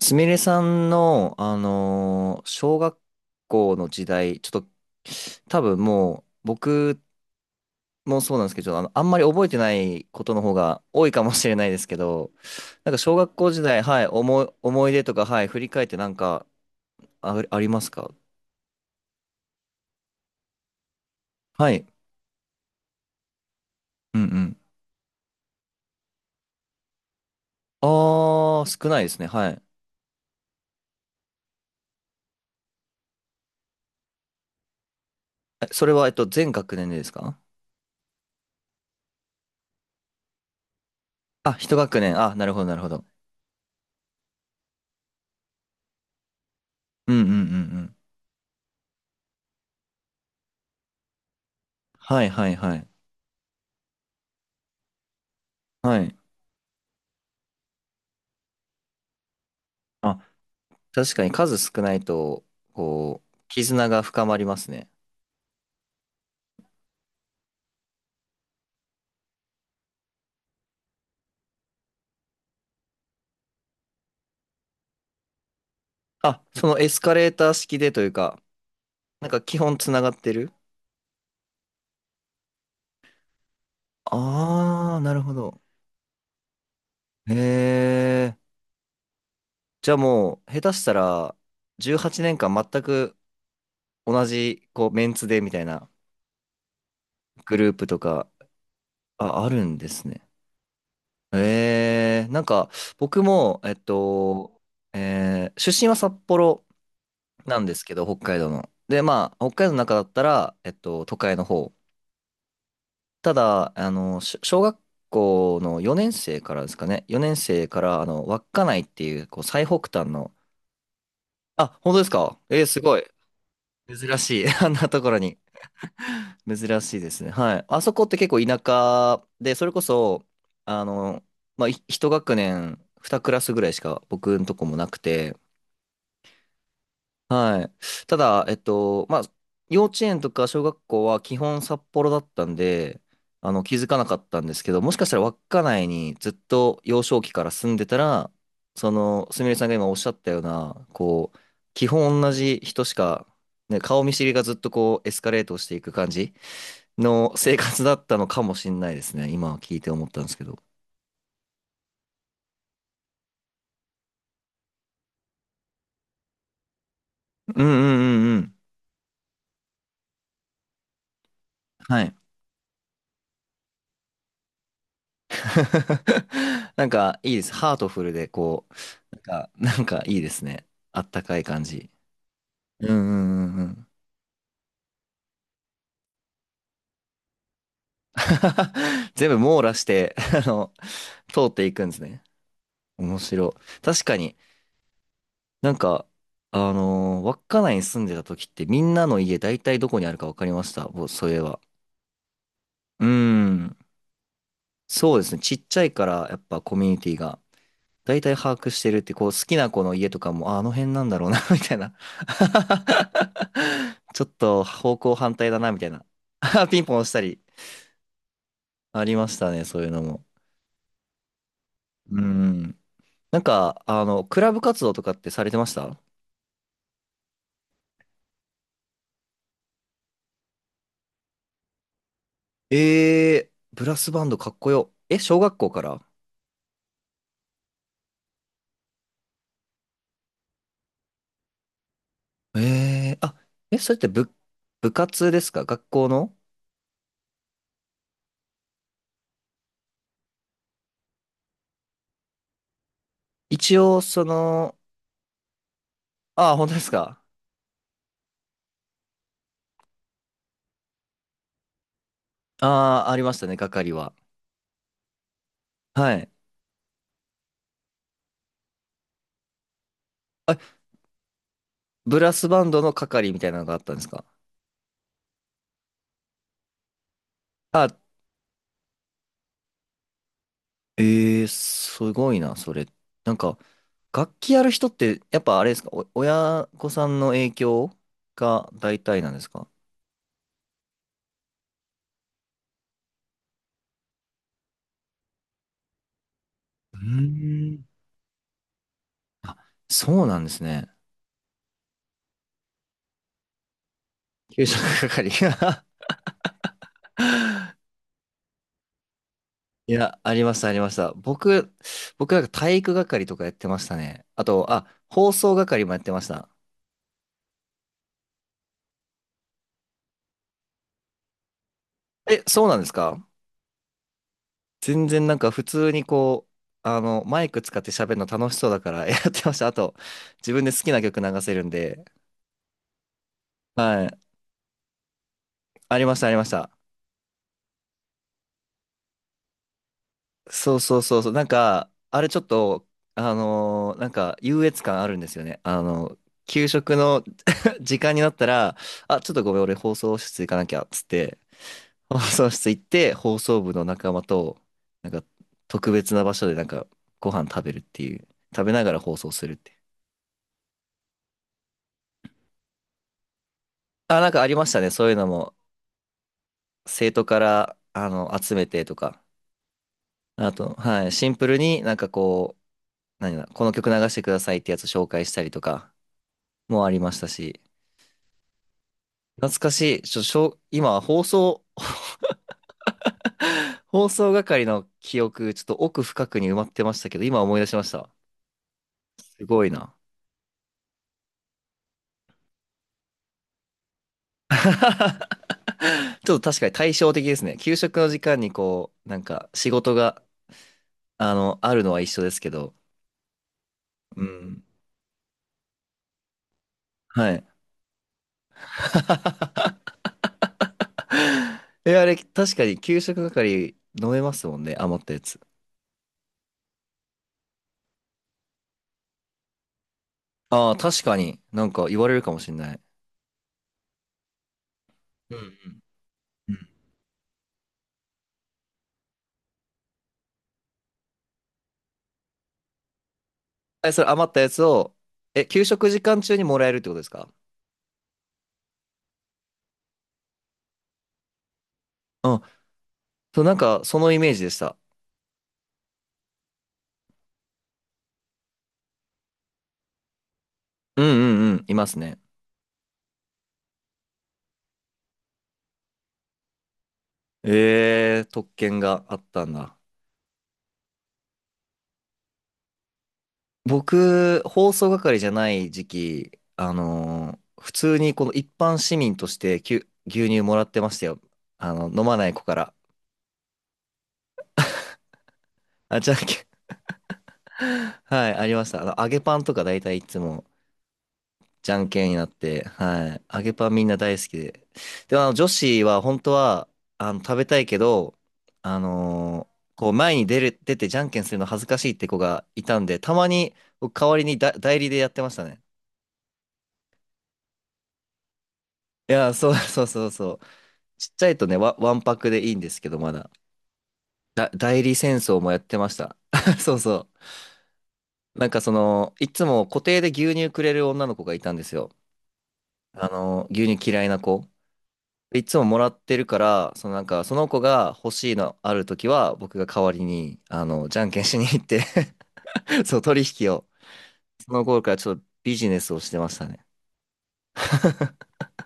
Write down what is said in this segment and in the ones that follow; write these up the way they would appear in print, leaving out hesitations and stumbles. すみれさんの、小学校の時代、ちょっと、多分もう、僕もそうなんですけど、あんまり覚えてないことの方が多いかもしれないですけど、なんか小学校時代、はい、思い出とか、はい、振り返ってなんか、あ、ありますか？はい。うんうん。あー、少ないですね。はい。え、それは、全学年でですか？あ、一学年。あ、なるほど、なるほど。うんうんうんうん。はいはいはい。はい。あ、確かに数少ないと、こう、絆が深まりますね。あ、そのエスカレーター式でというか、なんか基本つながってる。ああー、なるほど。へえ。じゃあもう、下手したら、18年間全く同じ、こう、メンツでみたいなグループとか、あ、あるんですね。ええ、なんか、僕も、出身は札幌なんですけど、北海道の。で、まあ、北海道の中だったら、都会の方。ただ、小学校の4年生からですかね。4年生から、稚内っていう、こう、最北端の、あ、本当ですか？えー、すごい。珍しい。あんなところに。珍しいですね。はい。あそこって結構田舎で、それこそ、あの、まあ、一学年、二クラスぐらいしか僕のとこもなくて、はい。ただ、まあ、幼稚園とか小学校は基本札幌だったんで、気づかなかったんですけど、もしかしたら稚内にずっと幼少期から住んでたら、その、すみれさんが今おっしゃったような、こう、基本同じ人しか、ね、顔見知りがずっとこう、エスカレートしていく感じの生活だったのかもしれないですね。今聞いて思ったんですけど。うんうんうんうん。はい。なんか、いいです。ハートフルで、こう、か、なんかいいですね。あったかい感じ。うんうんうんうん。全部網羅して、あの、通っていくんですね。面白い。確かに。なんか、稚内に住んでた時ってみんなの家大体どこにあるか分かりました。ぼそういえば。うーん。そうですね。ちっちゃいからやっぱコミュニティが大体把握してるって、こう好きな子の家とかも、あ、あの辺なんだろうな、みたいな。ちょっと方向反対だな、みたいな。ピンポン押したり。ありましたね、そういうのも。うん。なんか、クラブ活動とかってされてました？えー、ブラスバンドかっこよ。え、小学校から？えー、あ、え、それって部、部活ですか？学校の。一応、その、ああ、本当ですか？ああー、ありましたね、係は。はい。あ、ブラスバンドの係みたいなのがあったんですか？あ、えー、すごいな、それ。なんか、楽器やる人って、やっぱあれですかお、親御さんの影響が大体なんですか？うーん。あ、そうなんですね。給食係。いや、ありました、ありました。僕なんか体育係とかやってましたね。あと、あ、放送係もやってました。え、そうなんですか？全然なんか普通にこう、マイク使って喋るの楽しそうだから やってました。あと、自分で好きな曲流せるんで。はい。ありました、ありました。そうそうそうそう。なんか、あれちょっと、なんか優越感あるんですよね。給食の時間になったら、あ、ちょっとごめん、俺放送室行かなきゃ、っつって、放送室行って、放送部の仲間と、なんか、特別な場所でなんか、ご飯食べるっていう、食べながら放送するって。あ、なんかありましたね、そういうのも、生徒から、集めてとか、あと、はい、シンプルになんかこう、何だ、この曲流してくださいってやつ紹介したりとか、もありましたし、懐かしい、ちょ、しょ、今は放送 放送係の記憶、ちょっと奥深くに埋まってましたけど、今思い出しました。すごいな。ちょっと確かに対照的ですね。給食の時間にこう、なんか仕事が、あるのは一緒ですけど。うん。はい。え、あれ、確かに給食係飲めますもんね。余ったやつ。ああ、確かになんか言われるかもしれない。うんうんうん。え、それ余ったやつを、え、給食時間中にもらえるってことですか？うん。そう、なんかそのイメージでした。うんうんうん。いますね。ええ、特権があったんだ。僕、放送係じゃない時期、普通にこの一般市民として牛乳もらってましたよ。飲まない子から。あ、じゃんけん。はい、ありました。揚げパンとか大体いつもじゃんけんになって、はい、揚げパンみんな大好きで。でも、女子は本当は、食べたいけど、こう、前に出る、出てじゃんけんするの恥ずかしいって子がいたんで、たまに僕代わりにだ代理でやってましたね。いや、そう そうそうそう。ちっちゃいとね、わんぱくでいいんですけど、まだ。代理戦争もやってました。そうそう。なんかその、いつも固定で牛乳くれる女の子がいたんですよ。牛乳嫌いな子。いつももらってるから、そのなんか、その子が欲しいのあるときは、僕が代わりに、じゃんけんしに行って そう、取引を。その頃からちょっとビジネスをしてましたね。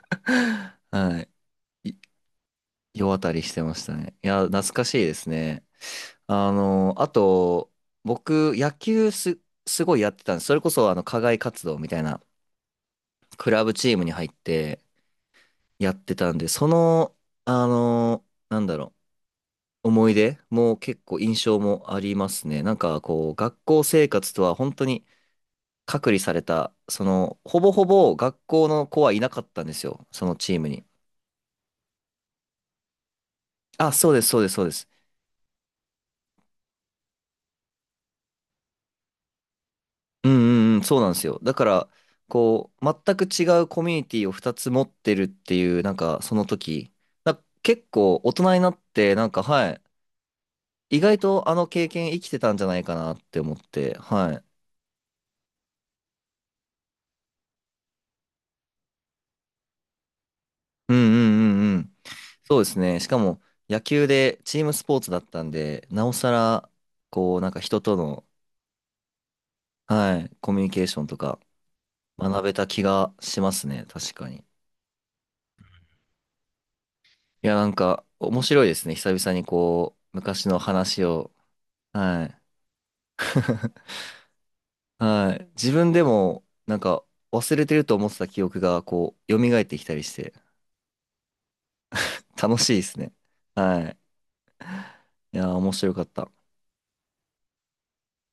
はい。い世渡りしてましたね。いや、懐かしいですね。あと、僕、野球す、すごいやってたんです。それこそ、課外活動みたいな、クラブチームに入ってやってたんで、その、なんだろう、思い出も結構印象もありますね。なんか、こう、学校生活とは本当に隔離された、その、ほぼほぼ学校の子はいなかったんですよ、そのチームに。あ、そうです、そうです、そうです。うんうんうん、そうなんですよ。だから、こう、全く違うコミュニティを2つ持ってるっていう、なんか、その時、結構大人になって、なんか、はい、意外とあの経験生きてたんじゃないかなって思って、はい。うんうんうんうん。そうですね。しかも、野球でチームスポーツだったんで、なおさら、こう、なんか人との、はい、コミュニケーションとか学べた気がしますね。確かに。いや、なんか、面白いですね。久々にこう、昔の話を、はい。はい。自分でも、なんか、忘れてると思ってた記憶が、こう、蘇ってきたりして、楽しいですね。はい。いやー、面白かった。